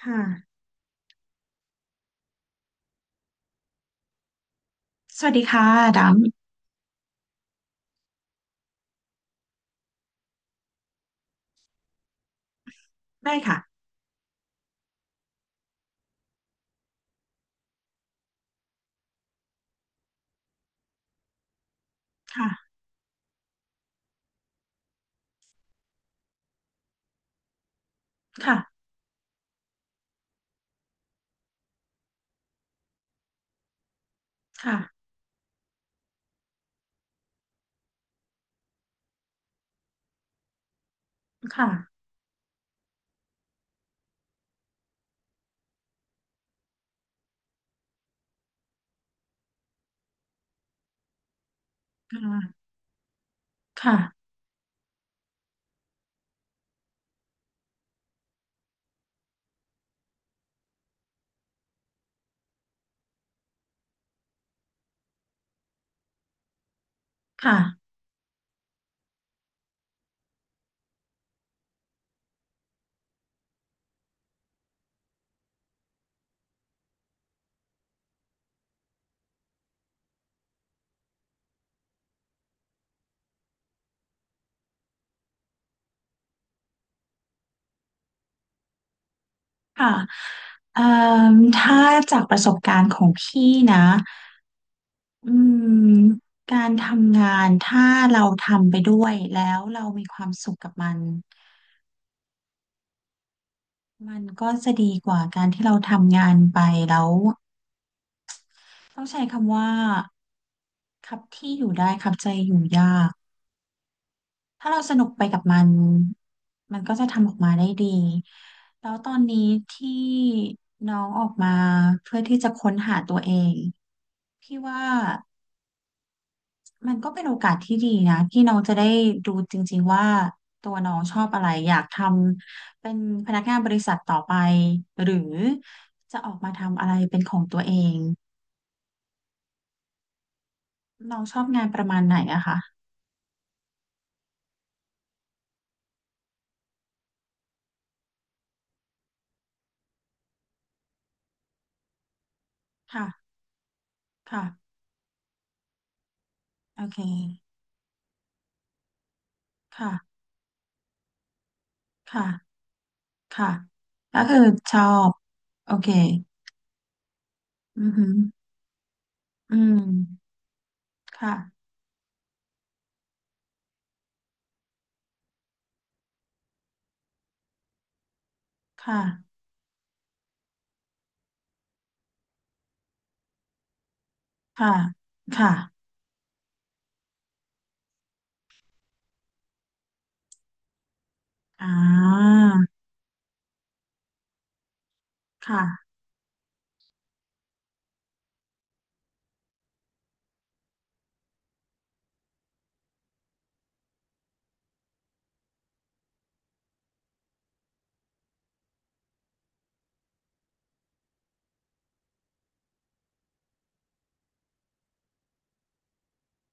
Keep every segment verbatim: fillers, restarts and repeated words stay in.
ค่ะสวัสดีค่ะ ดำได้ค่ะ ค่ะค่ะค่ะค่ะค่ะค่ะค่ะเอ่อถ้าจากประสบการณ์ของพี่นะอืมการทำงานถ้าเราทำไปด้วยแล้วเรามีความสุขกับมันมันก็จะดีกว่าการที่เราทำงานไปแล้วต้องใช้คำว่าครับที่อยู่ได้ครับใจอยู่ยาก ถ้าเราสนุกไปกับมัน มันก็จะทำออกมาได้ดี แล้วตอนนี้ที่น้องออกมาเพื่อที่จะค้นหาตัวเอง พี่ว่ามันก็เป็นโอกาสที่ดีนะที่น้องจะได้ดูจริงๆว่าตัวน้องชอบอะไรอยากทำเป็นพนักงานบริษัทต่อไปหรือจะออกมาทำอะไรเป็นของตัวเองน้องชอบงานประมาณไหนอะคะค่ะ ค่ะ โอเค ค่ะ ค่ะ ค่ะก็คือชอบ โอเคอือหืออืมค่ะค่ะค่ะค่ะอ่าค่ะ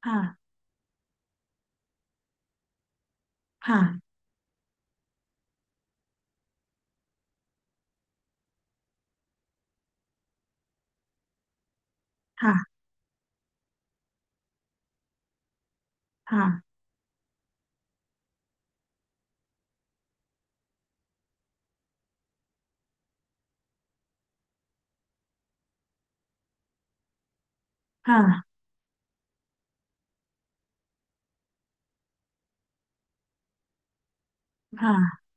ค่ะค่ะค่ะค่ะค่ะค่ะ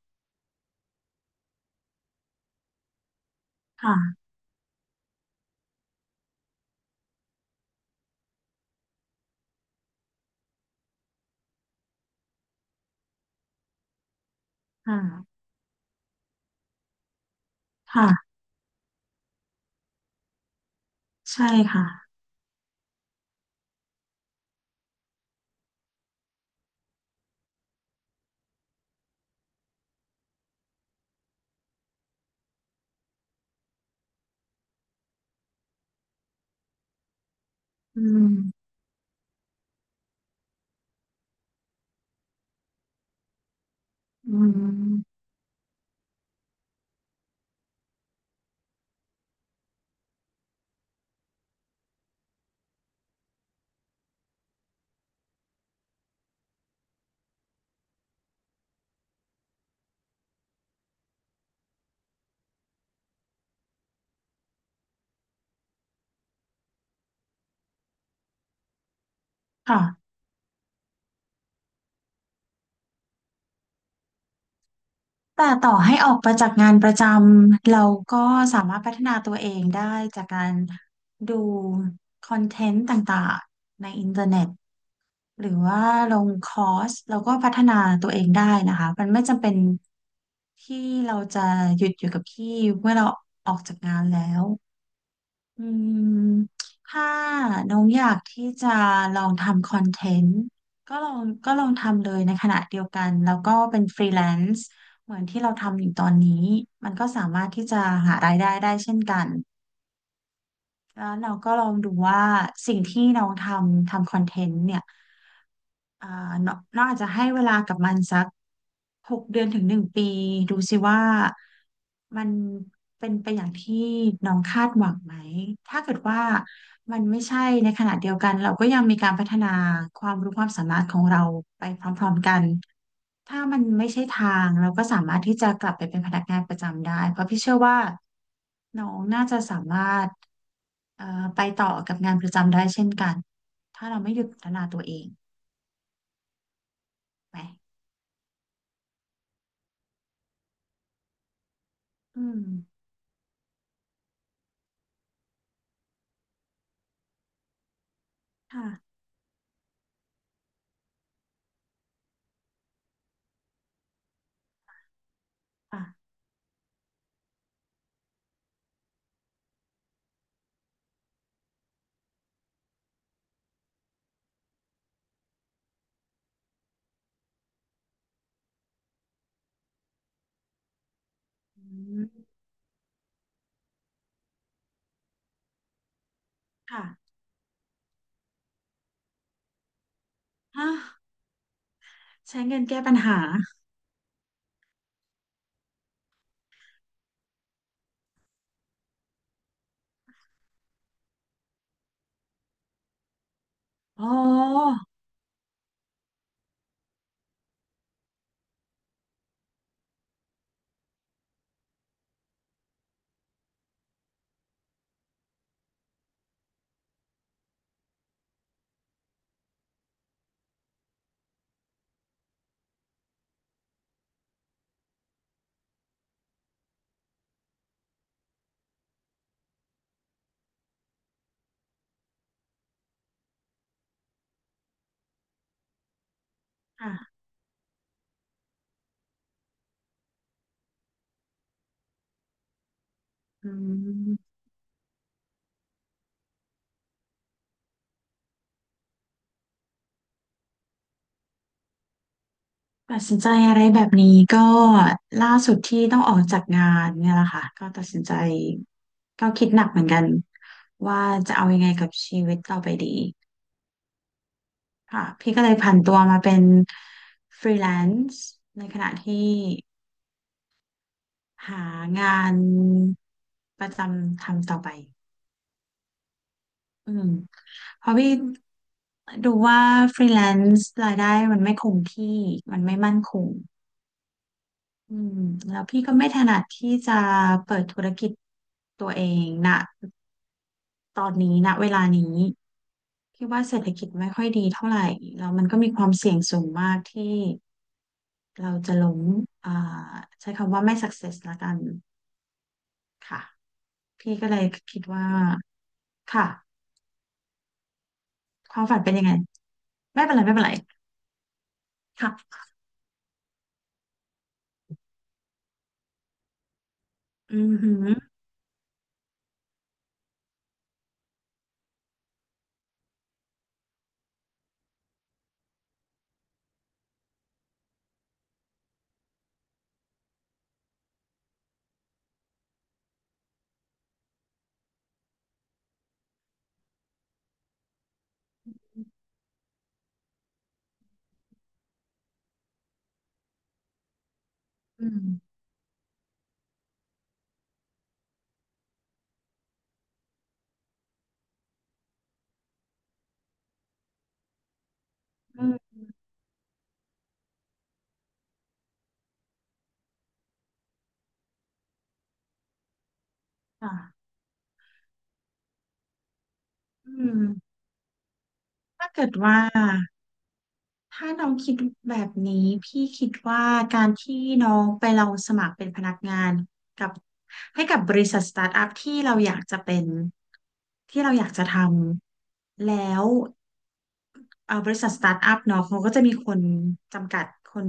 ค่ะค่ะค่ะใช่ค่ะอืมอืมค่ะแต่ต่อให้ออกไปจากงานประจำเราก็สามารถพัฒนาตัวเองได้จากการดูคอนเทนต์ต่างๆในอินเทอร์เน็ต หรือว่าลงคอร์สเราก็พัฒนาตัวเองได้นะคะมันไม่จำเป็นที่เราจะหยุดอยู่กับที่เมื่อเราออกจากงานแล้วอืมถ้าน้องอยากที่จะลองทำคอนเทนต์ก็ลองก็ลองทำเลยในขณะเดียวกันแล้วก็เป็นฟรีแลนซ์เหมือนที่เราทำอยู่ตอนนี้มันก็สามารถที่จะหารายได้ได้เช่นกัน แล้วเราก็ลองดูว่าสิ่งที่น้องทำทำคอนเทนต์เนี่ยอ่าน้องน้องอาจจะให้เวลากับมันสักหกเดือนถึงหนึ่งปีดูสิว่ามันเป็นไปอย่างที่น้องคาดหวังไหมถ้าเกิดว่ามันไม่ใช่ในขณะเดียวกันเราก็ยังมีการพัฒนาความรู้ความสามารถของเราไปพร้อมๆกัน ถ้ามันไม่ใช่ทางเราก็สามารถที่จะกลับไปเป็นพนักงานประจำได้เพราะพี่เชื่อว่าน้องน่าจะสามารถเอ่อไปต่อกับงานประจำได้เช่นกันถ้าเราไม่หยุดพัฒนาตัวเองไหมอืมค่ะค่ะอืมค่ะฮะใช้เงินแก้ปัญหาอ๋อค่ะอืม ตัดสินใจอะไรแบบนี้ก็ล่าสุดที่ต้องออกจากงานเนี่ยแหละค่ะก็ตัดสินใจก็คิดหนักเหมือนกันว่าจะเอายังไงกับชีวิตต่อไปดีค่ะพี่ก็เลยผันตัวมาเป็นฟรีแลนซ์ในขณะที่หางานประจำทำต่อไปอืมเพราะพี่ดูว่าฟรีแลนซ์รายได้มันไม่คงที่มันไม่มั่นคง อืมแล้วพี่ก็ไม่ถนัดที่จะเปิดธุรกิจตัวเองนะตอนนี้ณเวลานี้พี่ว่าเศรษฐกิจไม่ค่อยดีเท่าไหร่แล้วมันก็มีความเสี่ยงสูงมากที่เราจะล้มอ่าใช้คำว่าไม่ success ละกันค่ะพี่ก็เลยคิดว่าค่ะความฝันเป็นยังไงไม่เป็นไรไม่เป็นไรค่ะอือหืออืมอืมค่ะอืมถ้าเกิดว่า ถ้าน้องคิดแบบนี้พี่คิดว่าการที่น้องไปเราสมัครเป็นพนักงานกับให้กับบริษัทสตาร์ทอัพที่เราอยากจะเป็นที่เราอยากจะทำแล้วเอ่อบริษัทสตาร์ทอัพเนาะเขาก็จะมีคนจำกัดคน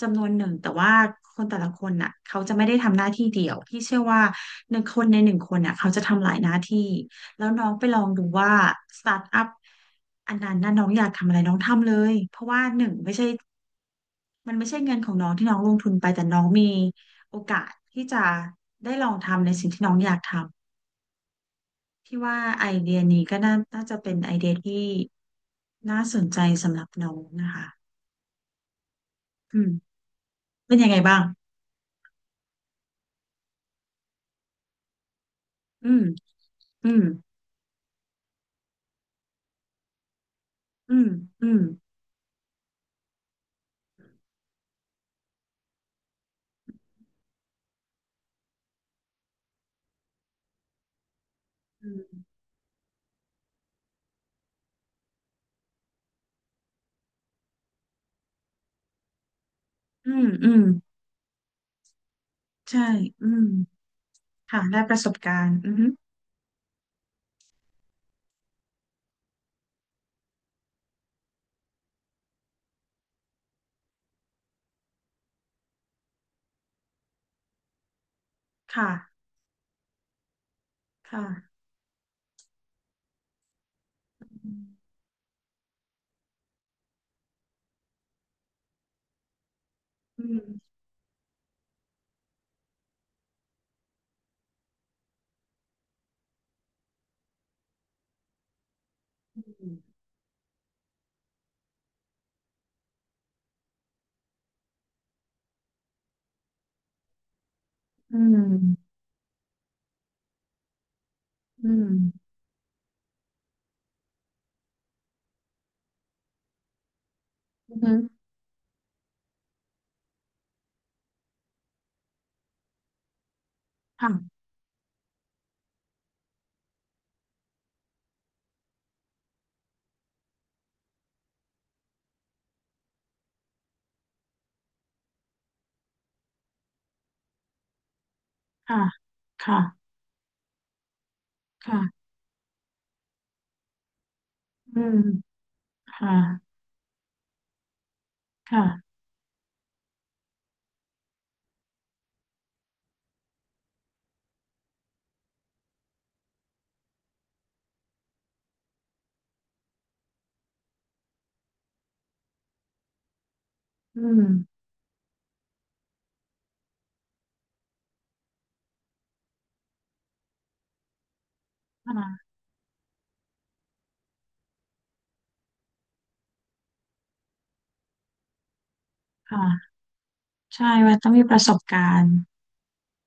จำนวนหนึ่งแต่ว่าคนแต่ละคนน่ะเขาจะไม่ได้ทำหน้าที่เดียวพี่เชื่อว่าหนึ่งหลายหน้าที่แล้วน้องไปลองดูว่าสตาร์ทอัพอันนั้นน่ะน้องอยากทำอะไรน้องทำเลยเพราะว่าหนึ่งไม่ใช่ มันไม่ใช่เงินของน้องที่น้องลงทุนไปแต่น้องมีโอกาสที่จะได้ลองทำในสิ่งที่น้องอยากทำพี่ว่าไอเดียนี้ก็น่าน่าจะเป็นไอเดียที่น่าสนใจสำหรับน้องนะคะอืมเป็นยังไงบ้างอืมอืมอืมอืมอืมอืมอืมใช่อืมค่ะได้ประสบการณ์อือฮึค่ะค่ะอืมอืมอืมอืมอือฮึค่ะค่ะค่ะค่ะอืมค่ะ ค่ะอืมค่ะค่ะใช่ว่าต้องมีประสบการณ์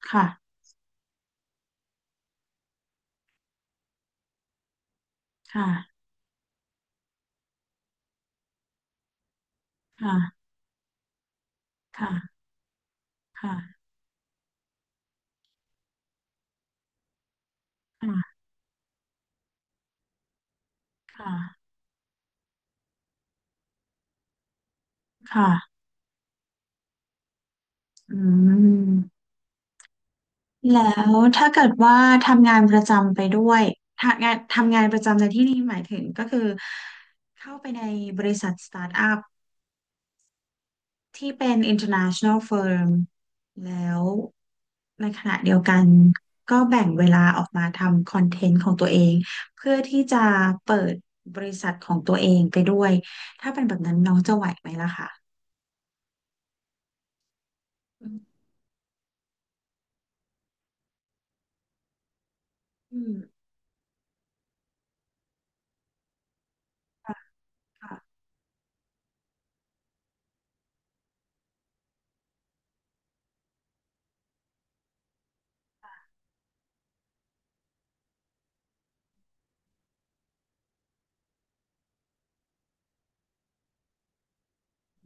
ค่ะค่ะค่ะค่ะค่ะค่ะค่ะค่ะอืมแล้วถ้าเกิดว่าทำงานประจำไปด้วยทำงานทำงานประจำในที่นี้หมายถึงก็คือเข้าไปในบริษัทสตาร์ทอัพ ที่เป็น international firm แล้วในขณะเดียวกันก็แบ่งเวลาออกมาทำคอนเทนต์ของตัวเองเพื่อที่จะเปิดบริษัทของตัวเองไปด้วยถ้าเป็นแบบนั้นน้องจะไหวไหมล่ะคะอืมอืมค่ะค่ะ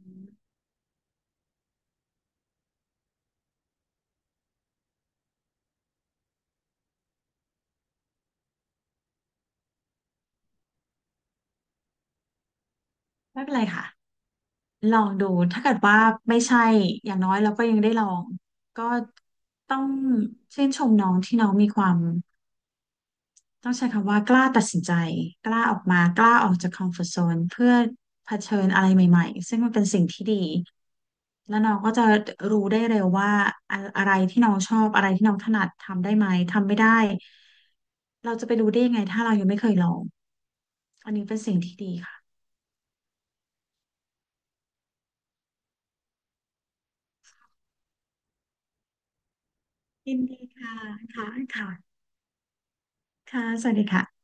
อืมไม่เป็นไรค่ะลองดูถ้าเกิดว่าไม่ใช่อย่างน้อยเราก็ยังได้ลองก็ต้องชื่นชมน้องที่น้องมีความ ต้องใช้คำว่ากล้าตัดสินใจกล้าออกมากล้าออกจากคอมฟอร์ ซี โซนเพื่อเผชิญอะไรใหม่ๆซึ่งมันเป็นสิ่งที่ดีแล้วน้องก็จะรู้ได้เร็วว่าอะอะไรที่น้องชอบอะไรที่น้องถนัดทำได้ไหมทำไม่ได้เราจะไปรู้ได้ยังไงถ้าเรายังไม่เคยลองอันนี้เป็นสิ่งที่ดีค่ะยินดีค่ะค่ะค่ะค่ะสวัสดีค่ะ